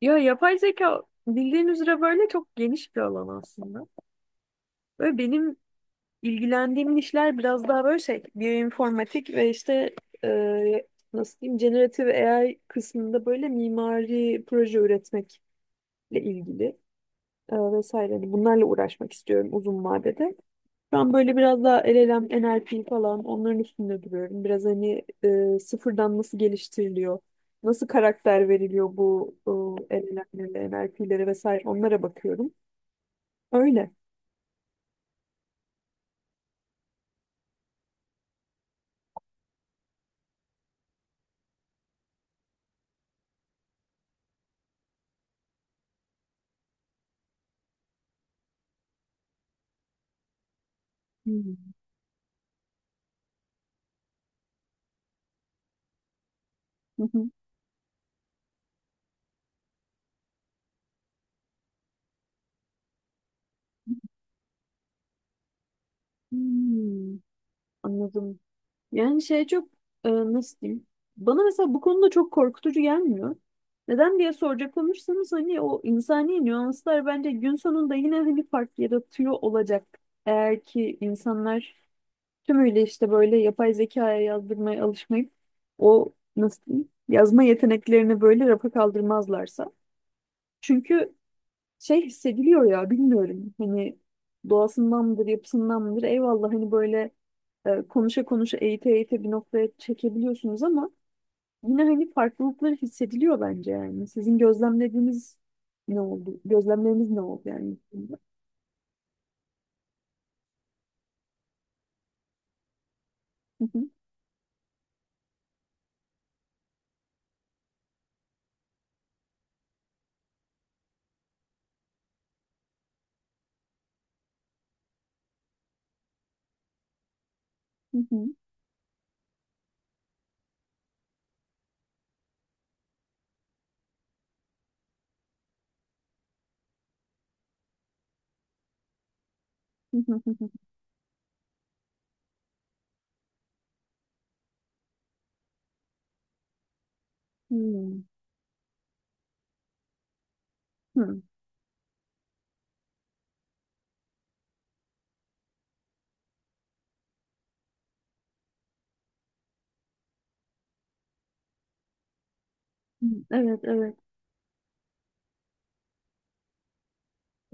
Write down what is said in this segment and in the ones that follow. Ya yapay zeka bildiğin üzere böyle çok geniş bir alan aslında. Böyle benim ilgilendiğim işler biraz daha böyle şey, biyoinformatik ve işte e, nasıl diyeyim, generative AI kısmında böyle mimari proje üretmekle ilgili vesaire. Hani bunlarla uğraşmak istiyorum uzun vadede. Şu an böyle biraz daha LLM, NLP falan onların üstünde duruyorum. Biraz hani sıfırdan nasıl geliştiriliyor, nasıl karakter veriliyor bu LLM'lere, NLP'lere vesaire onlara bakıyorum. Öyle. Hmm. Hı hı. Hmm, anladım. Yani şey çok nasıl diyeyim? Bana mesela bu konuda çok korkutucu gelmiyor. Neden diye soracak olursanız hani o insani nüanslar bence gün sonunda yine hani fark yaratıyor olacak. Eğer ki insanlar tümüyle işte böyle yapay zekaya yazdırmaya alışmayıp o nasıl diyeyim, yazma yeteneklerini böyle rafa kaldırmazlarsa. Çünkü şey hissediliyor ya bilmiyorum hani doğasından mıdır yapısından mıdır eyvallah hani böyle konuşa konuşa eğite eğite bir noktaya çekebiliyorsunuz ama yine hani farklılıkları hissediliyor bence yani. Sizin gözlemlediğiniz ne oldu? Gözlemleriniz ne oldu yani, bu konuda? Hı hı, hı hı, hı hı, hı hı, hı. Hı, hı. Evet, evet.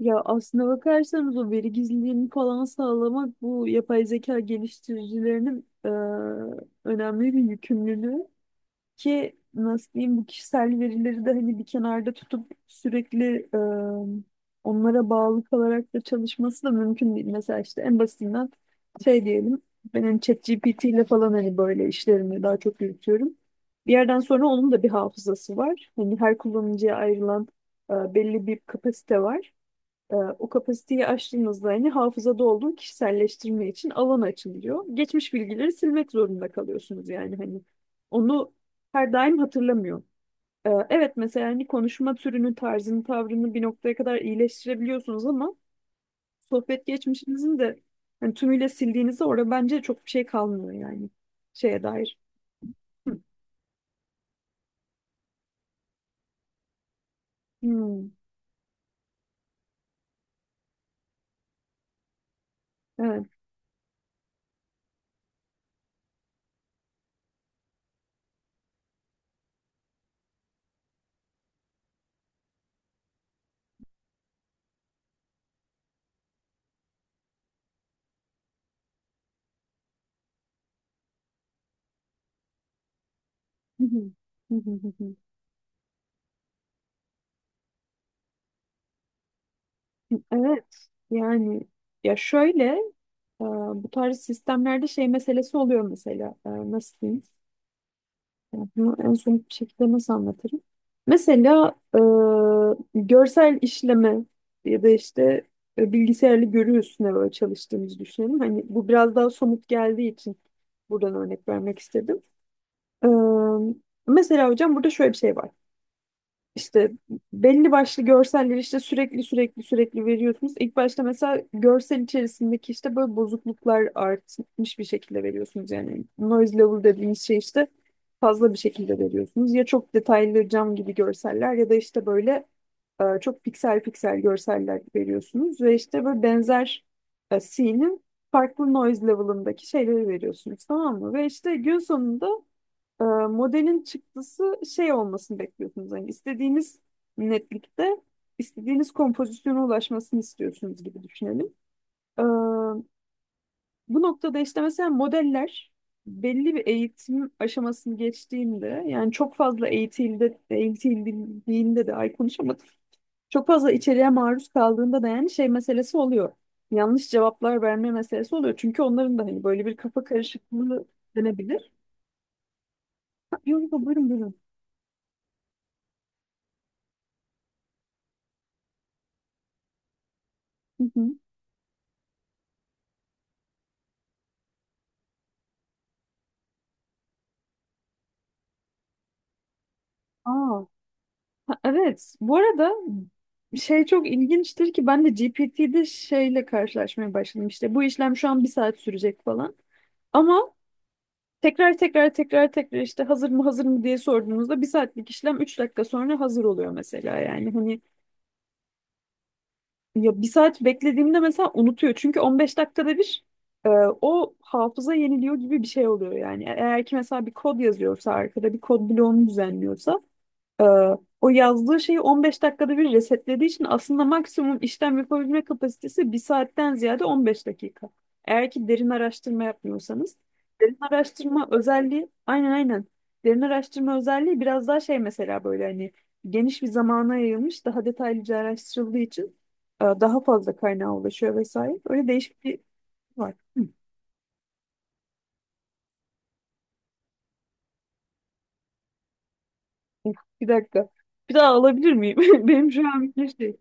Ya aslına bakarsanız o veri gizliliğini falan sağlamak bu yapay zeka geliştiricilerinin önemli bir yükümlülüğü ki nasıl diyeyim bu kişisel verileri de hani bir kenarda tutup sürekli onlara bağlı kalarak da çalışması da mümkün değil. Mesela işte en basitinden şey diyelim ben hani ChatGPT ile falan hani böyle işlerimi daha çok yürütüyorum. Bir yerden sonra onun da bir hafızası var. Hani her kullanıcıya ayrılan belli bir kapasite var. O kapasiteyi aştığınızda hani hafızada olduğu kişiselleştirme için alan açılıyor. Geçmiş bilgileri silmek zorunda kalıyorsunuz yani hani onu her daim hatırlamıyor. Evet, mesela hani konuşma türünü, tarzını, tavrını bir noktaya kadar iyileştirebiliyorsunuz ama sohbet geçmişinizin de hani tümüyle sildiğinizde orada bence çok bir şey kalmıyor yani şeye dair. Hı. Hmm, evet. Evet yani, ya şöyle. Ee, Bu tarz sistemlerde şey meselesi oluyor mesela. Nasıl diyeyim? Yani bunu en son bir şekilde nasıl anlatırım? Mesela görsel işleme ya da işte bilgisayarlı görü üstüne böyle çalıştığımızı düşünelim. Hani bu biraz daha somut geldiği için buradan örnek vermek istedim. Ee, Mesela hocam burada şöyle bir şey var. İşte belli başlı görselleri işte sürekli sürekli sürekli veriyorsunuz. İlk başta mesela görsel içerisindeki işte böyle bozukluklar artmış bir şekilde veriyorsunuz. Yani noise level dediğimiz şey işte fazla bir şekilde veriyorsunuz. Ya çok detaylı cam gibi görseller ya da işte böyle çok piksel piksel görseller veriyorsunuz. Ve işte böyle benzer scene'in farklı noise level'ındaki şeyleri veriyorsunuz, tamam mı? Ve işte gün sonunda modelin çıktısı şey olmasını bekliyorsunuz. Hani istediğiniz netlikte istediğiniz kompozisyona ulaşmasını istiyorsunuz gibi düşünelim. E, Bu noktada işte mesela modeller belli bir eğitim aşamasını geçtiğinde yani çok fazla eğitildi, eğitildiğinde de ay konuşamadım. Çok fazla içeriğe maruz kaldığında da yani şey meselesi oluyor. Yanlış cevaplar verme meselesi oluyor. Çünkü onların da hani böyle bir kafa karışıklığı denebilir. Ha, yok yok, buyurun buyurun. Hı hı. Aa. Ha, evet, bu arada şey çok ilginçtir ki ben de GPT'de şeyle karşılaşmaya başladım. İşte bu işlem şu an bir saat sürecek falan. Ama tekrar tekrar tekrar tekrar işte hazır mı hazır mı diye sorduğunuzda bir saatlik işlem 3 dakika sonra hazır oluyor mesela yani hani ya bir saat beklediğimde mesela unutuyor çünkü 15 dakikada bir e, o hafıza yeniliyor gibi bir şey oluyor yani. Eğer ki mesela bir kod yazıyorsa arkada bir kod bloğunu düzenliyorsa Ee, o yazdığı şeyi 15 dakikada bir resetlediği için aslında maksimum işlem yapabilme kapasitesi bir saatten ziyade 15 dakika. Eğer ki derin araştırma yapmıyorsanız. Derin araştırma özelliği aynen aynen. Derin araştırma özelliği biraz daha şey mesela böyle hani geniş bir zamana yayılmış daha detaylıca araştırıldığı için daha fazla kaynağa ulaşıyor vesaire. Öyle değişik bir şey var. Hı. Of, bir dakika. Bir daha alabilir miyim? Benim şu an bir şey.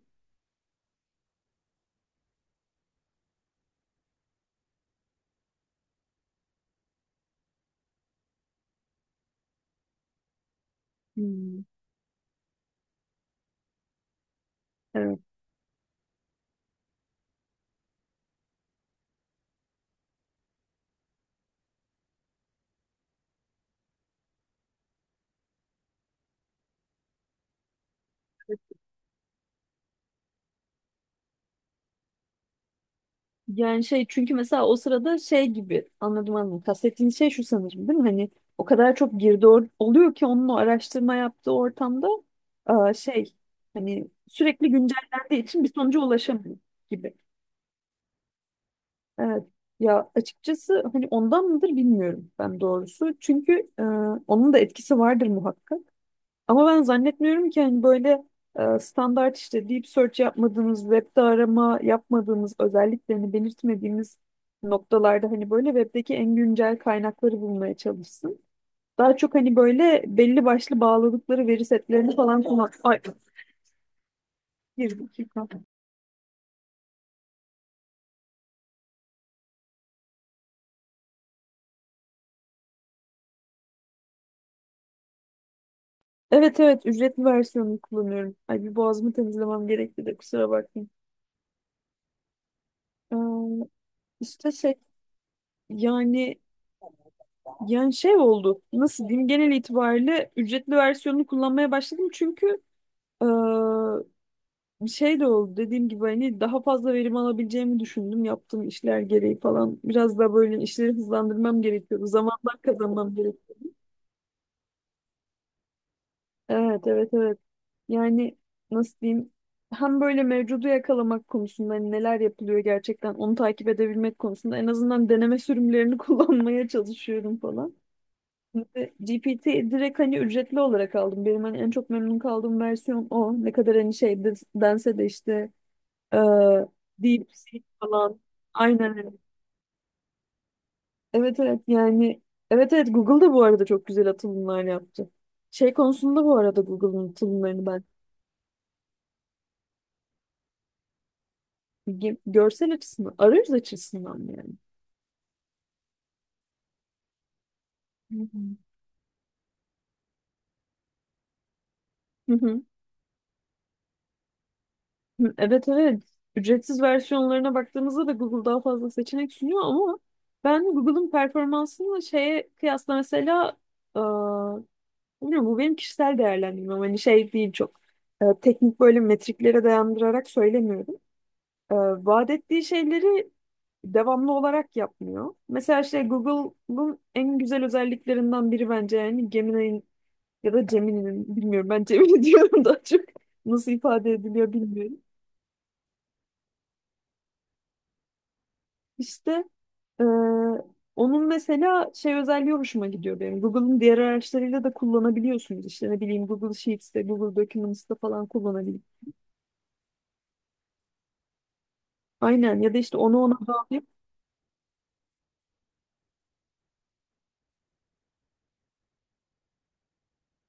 Hmm. Yani şey çünkü mesela o sırada şey gibi anladım anladım. Kastettiğin şey şu sanırım değil mi? Hani o kadar çok girdi oluyor ki onun o araştırma yaptığı ortamda şey hani sürekli güncellendiği için bir sonuca ulaşamıyor gibi. Evet. Ya açıkçası hani ondan mıdır bilmiyorum ben doğrusu. Çünkü e, onun da etkisi vardır muhakkak. Ama ben zannetmiyorum ki hani böyle standart işte deep search yapmadığınız, webde arama yapmadığınız, özelliklerini belirtmediğiniz noktalarda hani böyle webdeki en güncel kaynakları bulmaya çalışsın. Daha çok hani böyle belli başlı bağladıkları veri setlerini falan kullan. Ay, bir dakika. Evet evet, ücretli versiyonunu kullanıyorum. Ay, bir boğazımı temizlemem gerekti de kusura bakmayın. Ee, işte şey yani. Yani şey oldu. Nasıl diyeyim? Genel itibariyle ücretli versiyonunu kullanmaya başladım çünkü eee, bir şey de oldu. Dediğim gibi hani daha fazla verim alabileceğimi düşündüm. Yaptığım işler gereği falan. Biraz daha böyle işleri hızlandırmam gerekiyordu. Zamandan kazanmam gerekiyordu. Evet, evet, evet. Yani nasıl diyeyim? Hem böyle mevcudu yakalamak konusunda hani neler yapılıyor gerçekten onu takip edebilmek konusunda en azından deneme sürümlerini kullanmaya çalışıyorum falan. Şimdi GPT direkt hani ücretli olarak aldım. Benim hani en çok memnun kaldığım versiyon o. Ne kadar hani şey dense de işte e, DeepSeek falan. Aynen öyle. Evet evet yani, evet evet, Google da bu arada çok güzel atılımlar yaptı. Şey konusunda bu arada Google'ın atılımlarını ben görsel açısından, arayüz açısından mı yani? Hı hı. Hı hı. Hı, evet evet. Ücretsiz versiyonlarına baktığımızda da Google daha fazla seçenek sunuyor ama ben Google'ın performansını şeye kıyasla mesela eee, bilmiyorum, bu benim kişisel değerlendirmem. Hani şey değil çok teknik böyle metriklere dayandırarak söylemiyorum. Eee Vaat ettiği şeyleri devamlı olarak yapmıyor. Mesela işte Google'ın en güzel özelliklerinden biri bence yani Gemini'nin ya da Gemini'nin bilmiyorum ben Gemini diyorum daha çok, nasıl ifade ediliyor bilmiyorum. İşte Ee, onun mesela şey özelliği hoşuma gidiyor benim. Google'ın diğer araçlarıyla da kullanabiliyorsunuz. İşte ne bileyim Google Sheets'te, Google Documents'te falan kullanabiliyorsunuz. Aynen, ya da işte onu ona bağlayıp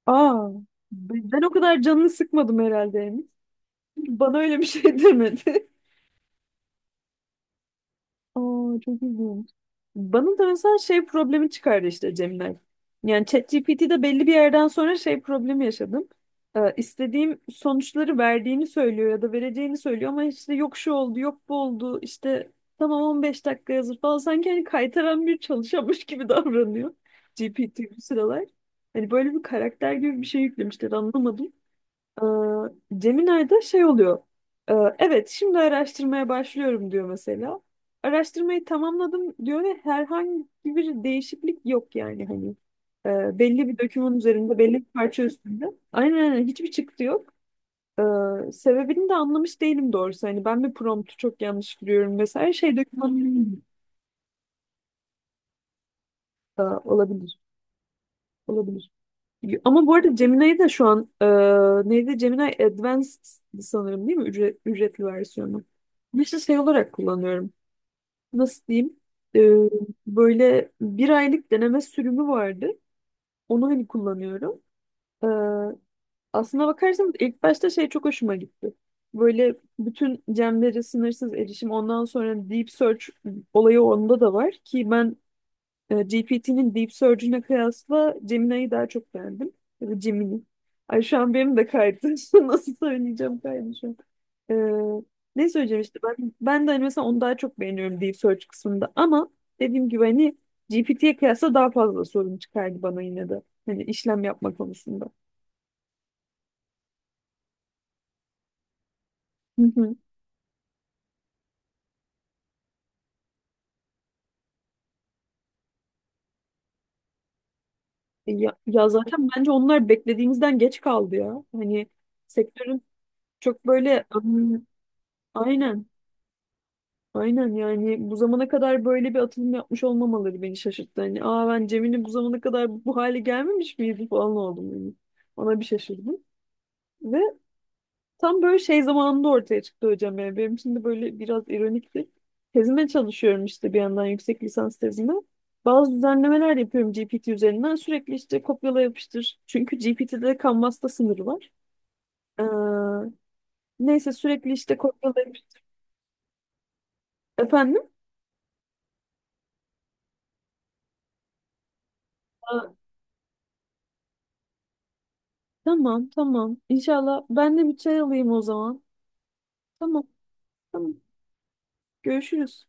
aa ben o kadar canını sıkmadım herhalde, Emin. Bana öyle bir şey demedi. Aa, çok ilginç. Bana da mesela şey problemi çıkardı işte, Cemile. Yani ChatGPT'de belli bir yerden sonra şey problemi yaşadım. İstediğim sonuçları verdiğini söylüyor ya da vereceğini söylüyor ama işte yok şu oldu, yok bu oldu, işte tamam 15 dakika hazır falan. Sanki hani kaytaran bir çalışanmış gibi davranıyor GPT bu sıralar. Hani böyle bir karakter gibi bir şey yüklemişler anlamadım. Ee, Gemini'de şey oluyor. Ee, evet, şimdi araştırmaya başlıyorum diyor mesela. Araştırmayı tamamladım diyor ve herhangi bir değişiklik yok yani hani. Belli bir dökümün üzerinde, belli bir parça üstünde. Aynen aynen, hiçbir çıktı yok. Sebebini de anlamış değilim doğrusu. Hani ben bir promptu çok yanlış giriyorum vesaire şey dökümanı. Olabilir. Olabilir. Ama bu arada Gemini'yi de şu an neydi? Gemini Advanced sanırım değil mi? Ücretli versiyonu. Ben işte şey olarak kullanıyorum. Nasıl diyeyim? E, Böyle bir aylık deneme sürümü vardı. Onu hani kullanıyorum. E, Aslına bakarsanız ilk başta şey çok hoşuma gitti. Böyle bütün gemlere sınırsız erişim. Ondan sonra Deep Search olayı onda da var ki ben GPT'nin Deep Surge'üne kıyasla Gemini'yi daha çok beğendim. Ya da Gemini. Ay şu an benim de kaydı. Nasıl söyleyeceğim, kaydı şu an. E, Ne söyleyeceğim işte ben, de hani mesela onu daha çok beğeniyorum Deep Search kısmında ama dediğim gibi hani GPT'ye kıyasla daha fazla sorun çıkardı bana yine de. Hani işlem yapma konusunda. Hı hı. Ya, zaten bence onlar beklediğimizden geç kaldı ya. Hani sektörün çok böyle aynen. Aynen yani bu zamana kadar böyle bir atılım yapmış olmamaları beni şaşırttı. Hani ben, Cemile bu zamana kadar bu hale gelmemiş miydi falan oldum yani. Ona bir şaşırdım. Ve tam böyle şey zamanında ortaya çıktı hocam yani. Benim için de böyle biraz ironikti. Tezime çalışıyorum işte bir yandan, yüksek lisans tezime. Bazı düzenlemeler yapıyorum GPT üzerinden. Sürekli işte kopyala yapıştır. Çünkü GPT'de kanvasta sınırı var. Ee, Neyse sürekli işte kopyala yapıştır. Efendim? Tamam tamam. İnşallah ben de bir çay alayım o zaman. Tamam tamam. Görüşürüz.